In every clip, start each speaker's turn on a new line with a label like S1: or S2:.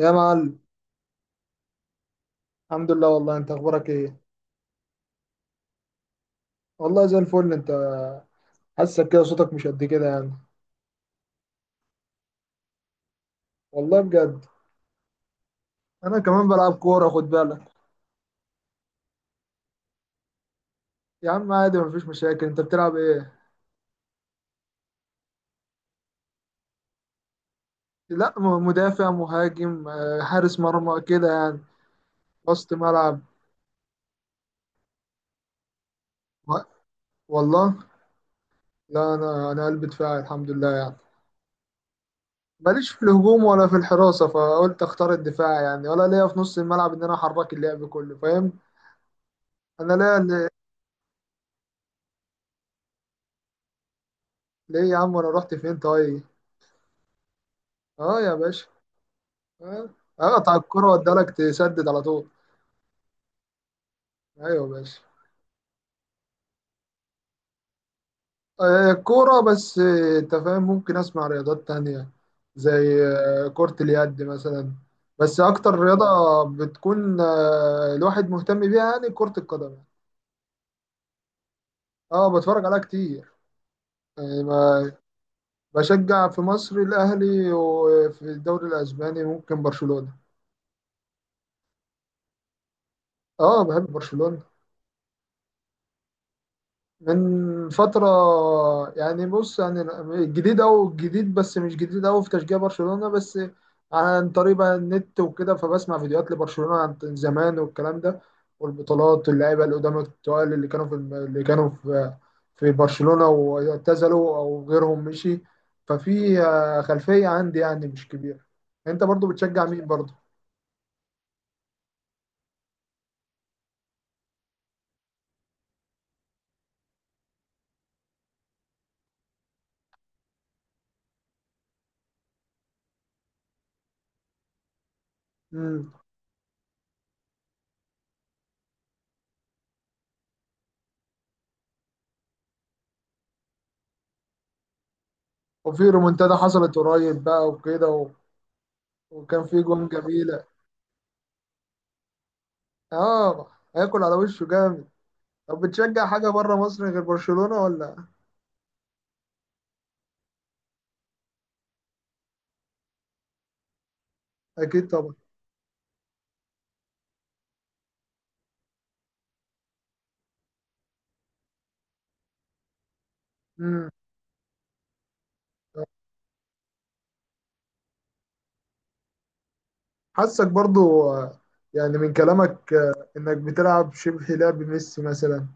S1: يا معلم. الحمد لله، والله انت اخبارك ايه؟ والله زي الفل انت. حاسك كده صوتك مش قد كده يعني. والله بجد. انا كمان بلعب كوره، خد بالك. يا عم عادي، مفيش مشاكل. انت بتلعب ايه؟ لا مدافع، مهاجم، حارس مرمى كده يعني، وسط ملعب و- والله. لا، انا قلب دفاعي الحمد لله يعني. ماليش في الهجوم ولا في الحراسه، فقلت اختار الدفاع يعني، ولا ليا في نص الملعب ان انا احرك اللعب كله، فاهم. انا ليا. ليه يا عم، انا رحت فين طيب؟ اه يا باشا. آه، اقطع الكرة واديها لك تسدد على طول. ايوه ماشي. كورة بس. انت فاهم، ممكن اسمع رياضات تانية زي كرة اليد مثلا. بس اكتر رياضة بتكون الواحد مهتم بيها يعني كرة القدم. اه بتفرج عليها كتير. يعني ما- بشجع في مصر الاهلي، وفي الدوري الاسباني ممكن برشلونة. اه بحب برشلونة. من فترة. يعني بص يعني، الجديد أو الجديد، بس مش جديد أوي في تشجيع برشلونة. بس عن طريق بقى النت وكده، فبسمع فيديوهات لبرشلونة عن زمان والكلام ده والبطولات واللعيبة القدام التقال اللي كانوا اللي كانوا في في برشلونة واعتزلوا أو غيرهم مشي. ففي خلفية عندي يعني مش كبيرة. أنت برضو بتشجع مين برضو؟ مم. وفي رومنتادا حصلت قريب بقى وكده وكان في جون جميلة. اه هياكل على وشه جامد. طب بتشجع حاجة بره مصر غير برشلونة ولا؟ أكيد طبعا. امم. حاسك برضو يعني من كلامك إنك بتلعب شبه لعب ميسي مثلا،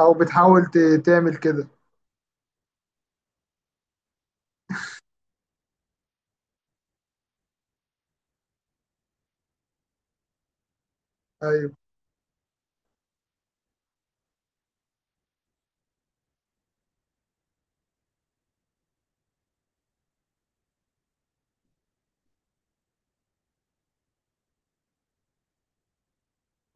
S1: أو بتحاول تعمل كده. أيوه.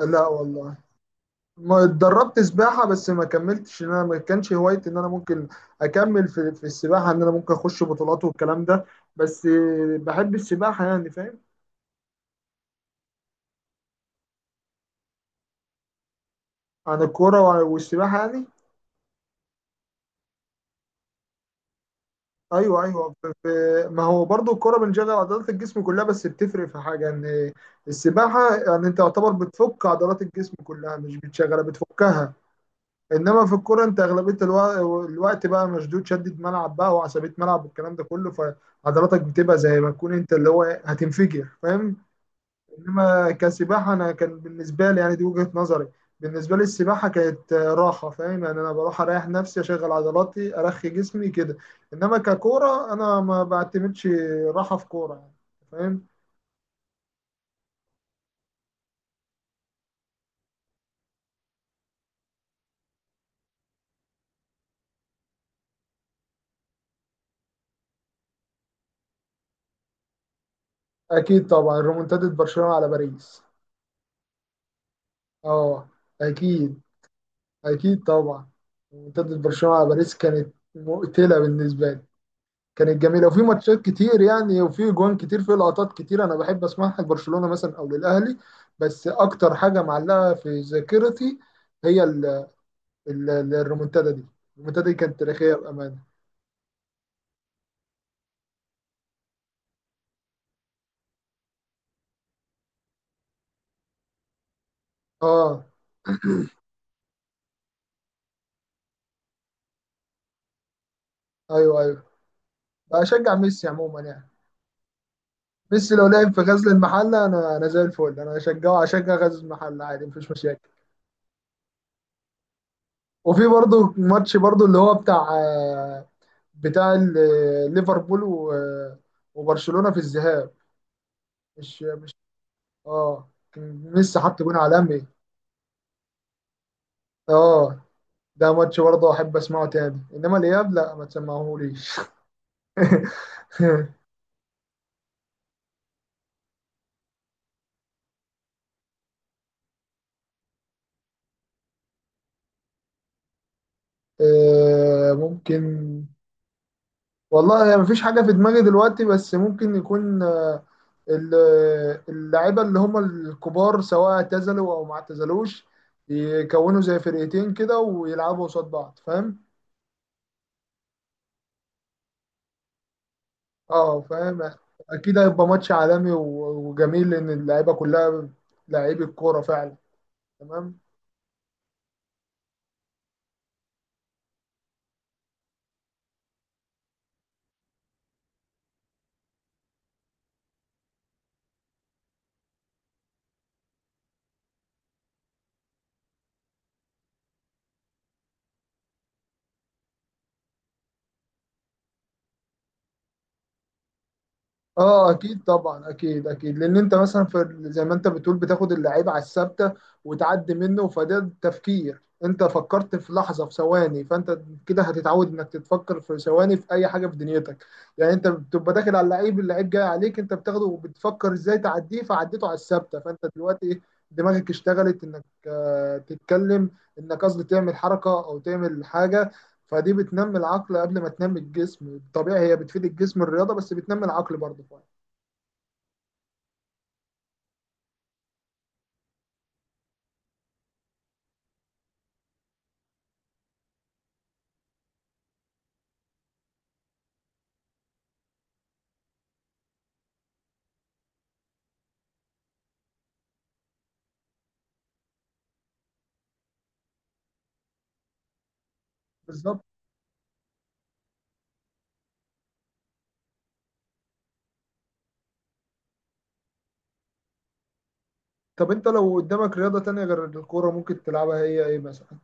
S1: لا والله، ما اتدربت سباحة، بس ما كملتش، إن أنا ما كانش هوايتي إن أنا ممكن أكمل في, في السباحة، إن أنا ممكن أخش بطولات والكلام ده. بس بحب السباحة يعني فاهم. عن الكورة والسباحة يعني. ايوه ما هو برضو الكرة بنشغل عضلات الجسم كلها، بس بتفرق في حاجة ان السباحة يعني انت يعتبر بتفك عضلات الجسم كلها، مش بتشغلها بتفكها. انما في الكرة انت اغلبية الوقت بقى مشدود، شدة ملعب بقى وعصبية ملعب والكلام ده كله، فعضلاتك بتبقى زي ما تكون انت اللي هو هتنفجر فاهم. انما كسباحه انا كان بالنسبه لي، يعني دي وجهه نظري، بالنسبه لي السباحه كانت راحه فاهم. يعني انا بروح اريح نفسي، اشغل عضلاتي، ارخي جسمي كده. انما ككوره انا ما بعتمدش راحه في كوره يعني، فاهم. اكيد طبعا، ريمونتادا برشلونه على باريس. اه. اكيد. اكيد طبعا. ريمونتادا برشلونه على باريس كانت مقتله بالنسبه لي. كانت جميله، وفي ماتشات كتير يعني، وفي جوان كتير، في لقطات كتير انا بحب اسمعها لبرشلونه مثلا او للاهلي. بس اكتر حاجه معلقه في ذاكرتي هي الريمونتادا دي. الريمونتادا دي كانت تاريخيه بامانه. اه. ايوه اشجع ميسي عموما يعني. ميسي لو لعب في غزل المحله، انا زي الفل انا اشجعه، اشجع غزل المحله عادي، مفيش مشاكل. وفي برضه ماتش برضه اللي هو بتاع بتاع ليفربول وبرشلونه في الذهاب. مش اه، كان ميسي حط جون عالمي. اه، ده ماتش برضه احب اسمعه تاني، انما الاياب لا ما تسمعهوليش. ممكن. والله ما فيش حاجه في دماغي دلوقتي، بس ممكن يكون ال- اللعيبه اللي هم الكبار سواء اعتزلوا او ما اعتزلوش يكونوا زي فرقتين كده ويلعبوا قصاد بعض، فاهم. اه فاهم. اكيد هيبقى ماتش عالمي وجميل، لان اللعيبه كلها لعيبه كوره فعلا. تمام. اه اكيد طبعا، اكيد اكيد، لان انت مثلا في زي ما انت بتقول بتاخد اللعيب على الثابته وتعدي منه، فده تفكير، انت فكرت في لحظه في ثواني، فانت كده هتتعود انك تتفكر في ثواني في اي حاجه في دنيتك. يعني انت بتبقى داخل على اللعيب، اللعيب جاي عليك انت بتاخده وبتفكر ازاي تعديه فعديته على الثابته، فانت دلوقتي إيه، دماغك اشتغلت انك تتكلم، انك قصدي تعمل حركه او تعمل حاجه. فدي بتنمي العقل قبل ما تنمي الجسم. طبيعي هي بتفيد الجسم الرياضه، بس بتنمي العقل برضه. بالظبط. طب انت لو قدامك رياضة تانية غير الكورة ممكن تلعبها، هي ايه مثلا؟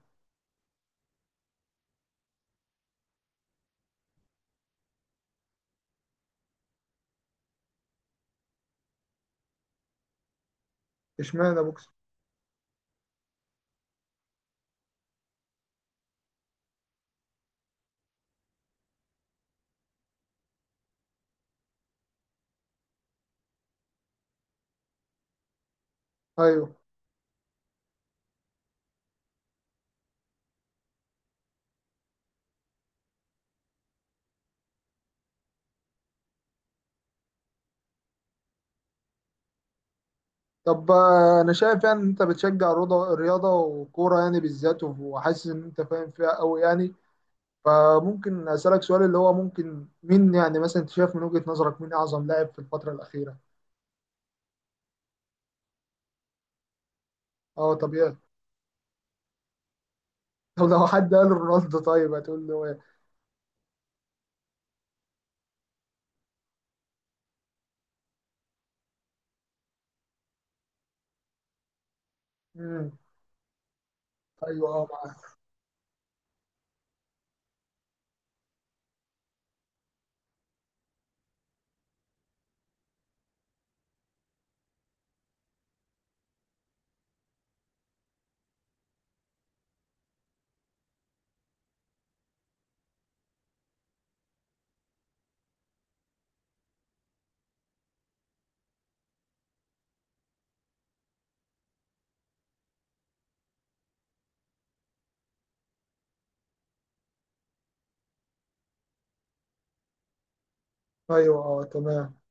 S1: اشمعنى بوكس. ايوه. طب انا شايف يعني ان انت بتشجع الرياضة وكورة يعني بالذات، وحاسس ان انت فاهم فيها قوي يعني. فممكن اسألك سؤال اللي هو، ممكن مين يعني مثلا انت شايف من وجهة نظرك مين اعظم لاعب في الفترة الأخيرة؟ اه طبيعي. طب لو حد قال رونالدو طيب هتقول له ايه؟ امم. ايوه اه معاه. ايوه اه تمام.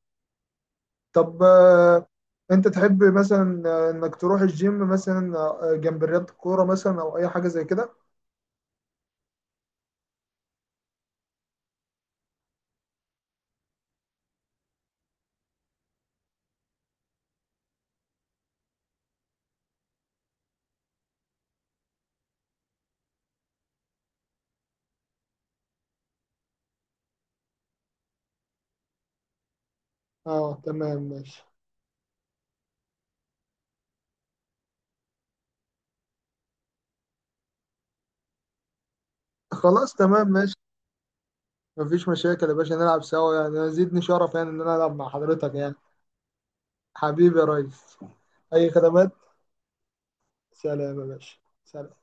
S1: طب انت تحب مثلا انك تروح الجيم مثلا جنب رياضة الكورة مثلا او اي حاجة زي كده؟ اه تمام ماشي. خلاص تمام ماشي، مفيش مشاكل يا باشا، نلعب سوا يعني، أنا زيدني شرف يعني ان انا العب مع حضرتك يعني. حبيبي يا ريس. اي خدمات. سلام يا باشا. سلام.